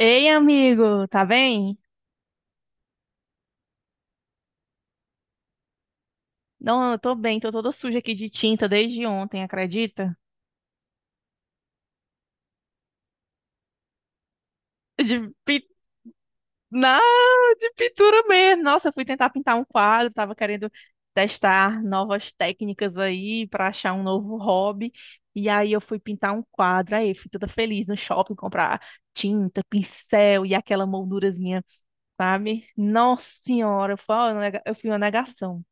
Ei, amigo, tá bem? Não, eu tô bem, tô toda suja aqui de tinta desde ontem, acredita? De pi... Não, de pintura mesmo. Nossa, eu fui tentar pintar um quadro, tava querendo testar novas técnicas aí pra achar um novo hobby. E aí eu fui pintar um quadro, aí eu fui toda feliz no shopping comprar tinta, pincel e aquela moldurazinha, sabe? Nossa senhora, eu fui uma negação.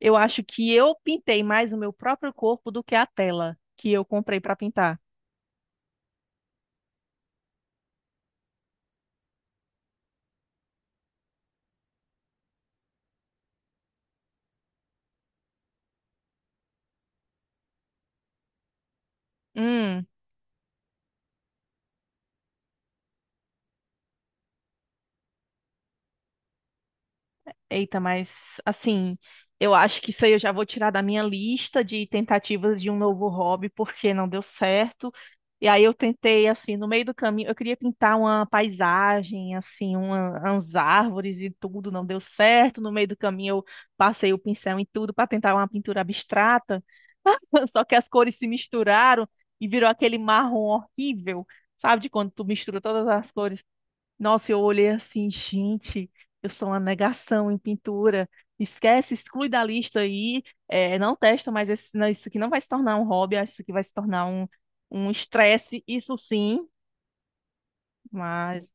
Eu acho que eu pintei mais o meu próprio corpo do que a tela que eu comprei para pintar. Eita, mas assim, eu acho que isso aí eu já vou tirar da minha lista de tentativas de um novo hobby, porque não deu certo. E aí eu tentei, assim, no meio do caminho, eu queria pintar uma paisagem, assim, umas árvores e tudo, não deu certo. No meio do caminho eu passei o pincel em tudo para tentar uma pintura abstrata, só que as cores se misturaram e virou aquele marrom horrível, sabe, de quando tu mistura todas as cores. Nossa, eu olhei assim, gente, eu sou uma negação em pintura. Esquece, exclui da lista aí. É não testa, mas não, isso aqui não vai se tornar um hobby, acho que isso aqui vai se tornar um estresse, isso sim. Mas,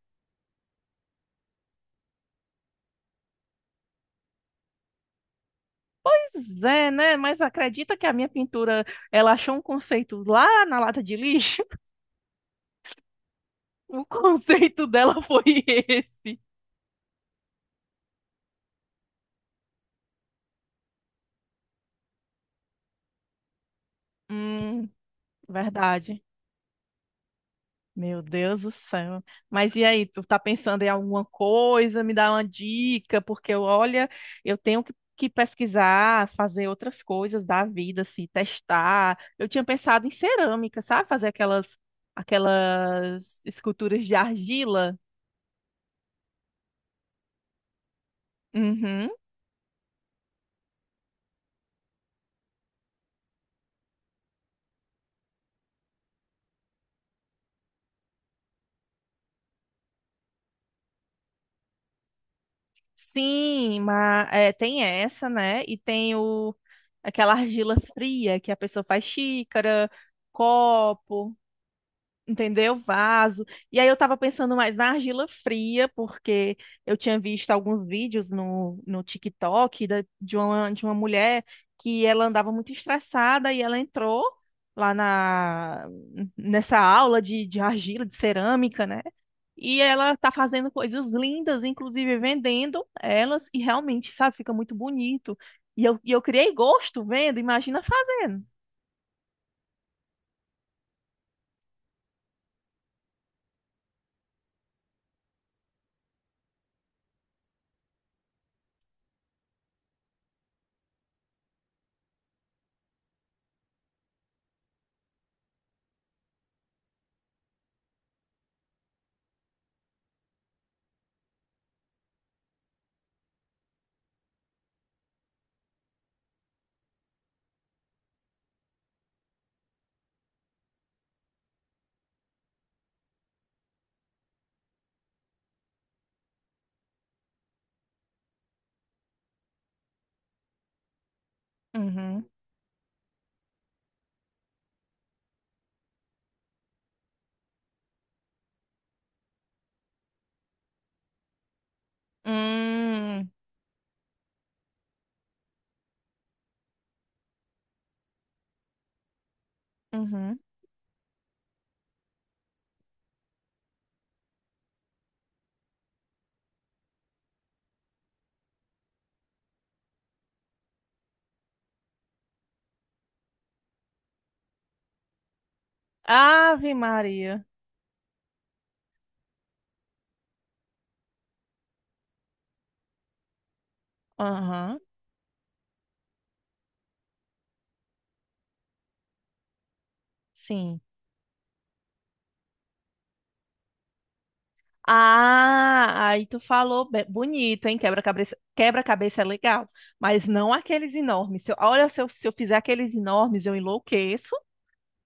pois é, né? Mas acredita que a minha pintura, ela achou um conceito lá na lata de lixo? O conceito dela foi esse. Hum, verdade. Meu Deus do céu. Mas e aí, tu tá pensando em alguma coisa? Me dá uma dica, porque eu, olha, eu tenho que pesquisar, fazer outras coisas da vida, assim, testar. Eu tinha pensado em cerâmica, sabe? Fazer aquelas esculturas de argila. Uhum. Sim, mas é, tem essa, né? E tem aquela argila fria que a pessoa faz xícara, copo, entendeu? Vaso. E aí eu tava pensando mais na argila fria, porque eu tinha visto alguns vídeos no TikTok de de uma mulher que ela andava muito estressada e ela entrou lá na, nessa aula de argila, de cerâmica, né? E ela tá fazendo coisas lindas, inclusive vendendo elas, e realmente, sabe, fica muito bonito. E eu criei gosto vendo, imagina fazendo. Uhum. Hum, uhum. Ave Maria. Aham, sim. Ah, aí tu falou bonito, hein? Quebra-cabeça, quebra-cabeça é legal, mas não aqueles enormes. Se eu- olha, se eu fizer aqueles enormes, eu enlouqueço,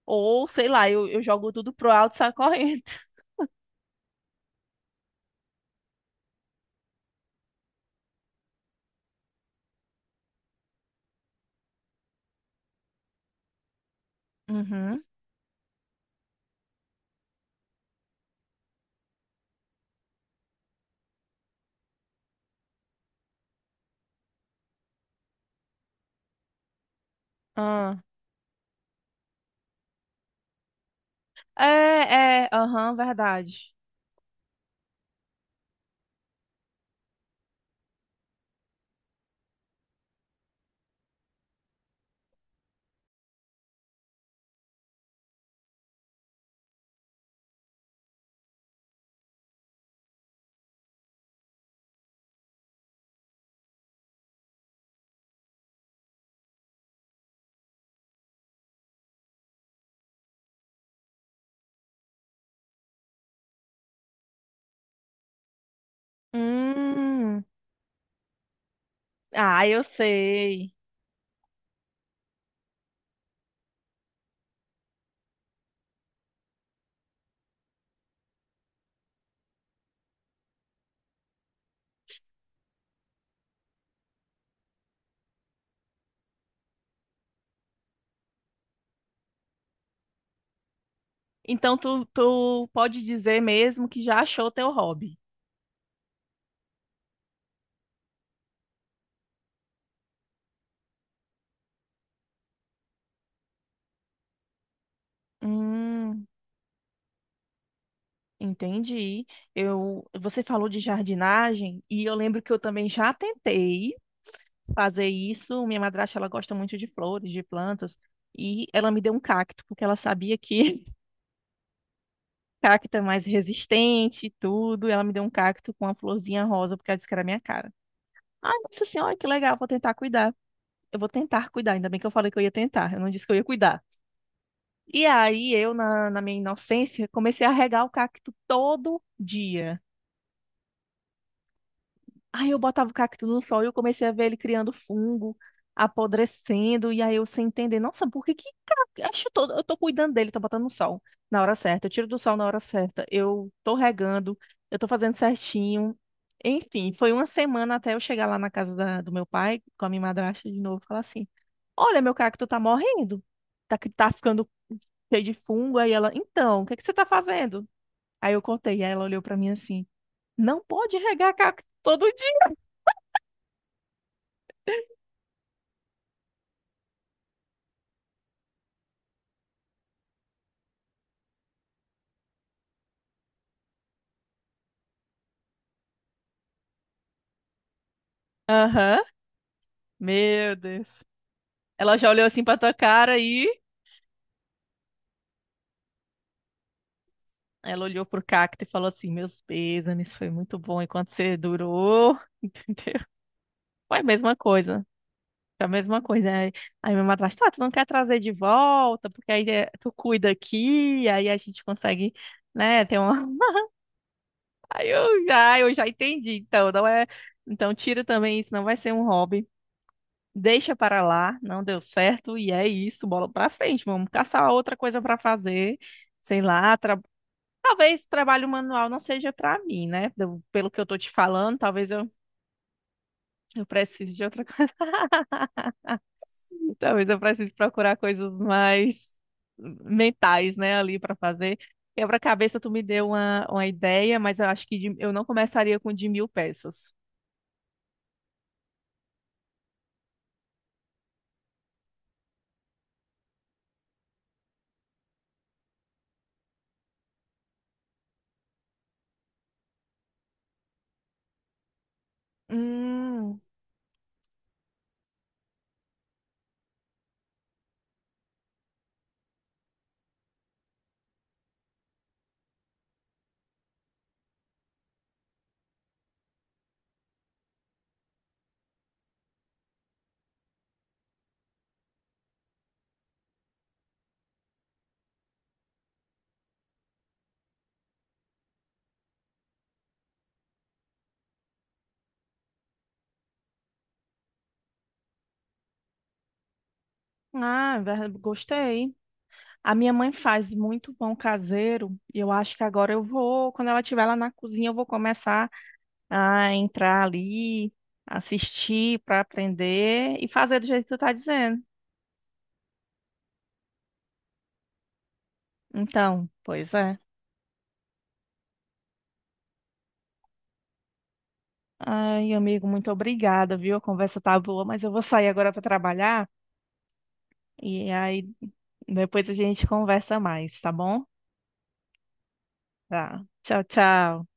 ou sei lá, eu jogo tudo pro alto e saio correndo. Uhum. Ah. É, é, aham, verdade. Hum. Ah, eu sei. Então tu pode dizer mesmo que já achou teu hobby. Hum. Entendi. Eu, você falou de jardinagem e eu lembro que eu também já tentei fazer isso. Minha madrasta, ela gosta muito de flores, de plantas, e ela me deu um cacto, porque ela sabia que cacto é mais resistente e tudo. Ela me deu um cacto com uma florzinha rosa, porque ela disse que era a minha cara. Ai, nossa senhora, que legal, vou tentar cuidar. Eu vou tentar cuidar, ainda bem que eu falei que eu ia tentar, eu não disse que eu ia cuidar. E aí eu, na minha inocência, comecei a regar o cacto todo dia. Aí eu botava o cacto no sol e eu comecei a ver ele criando fungo, apodrecendo, e aí eu sem entender, nossa, por que que ca- acho todo, eu tô cuidando dele, tô botando no sol na hora certa, eu tiro do sol na hora certa, eu tô regando, eu tô fazendo certinho. Enfim, foi uma semana até eu chegar lá na do meu pai, com a minha madrasta de novo, e falar assim: "Olha, meu cacto tá morrendo. Tá que tá ficando cheio de fungo". Aí ela: "Então, o que que você tá fazendo?". Aí eu contei, aí ela olhou pra mim assim: "Não pode regar cacto todo dia". Aham. Meu Deus. Ela já olhou assim pra tua cara e ela olhou pro cacto e falou assim: Meus pêsames, foi muito bom enquanto você durou. Entendeu? Foi a mesma coisa. Foi a mesma coisa. Aí minha madrasta, tá, tu não quer trazer de volta, porque aí é, tu cuida aqui, aí a gente consegue, né, ter uma. Eu já entendi. Então, não é. Então, tira também isso, não vai ser um hobby. Deixa para lá, não deu certo, e é isso, bola pra frente. Vamos caçar outra coisa pra fazer sei lá, talvez trabalho manual não seja para mim, né? Pelo que eu tô te falando, eu precise de outra coisa. Talvez eu precise procurar coisas mais mentais, né, ali para fazer. Quebra-cabeça, tu me deu uma ideia, mas eu acho eu não começaria com de 1000 peças. Hum, ah, gostei. A minha mãe faz muito pão caseiro e eu acho que agora eu vou, quando ela estiver lá na cozinha, eu vou começar a entrar ali, assistir para aprender e fazer do jeito que tu tá dizendo. Então, pois é. Ai, amigo, muito obrigada, viu? A conversa tá boa, mas eu vou sair agora para trabalhar e aí depois a gente conversa mais, tá bom? Tá. Tchau, tchau.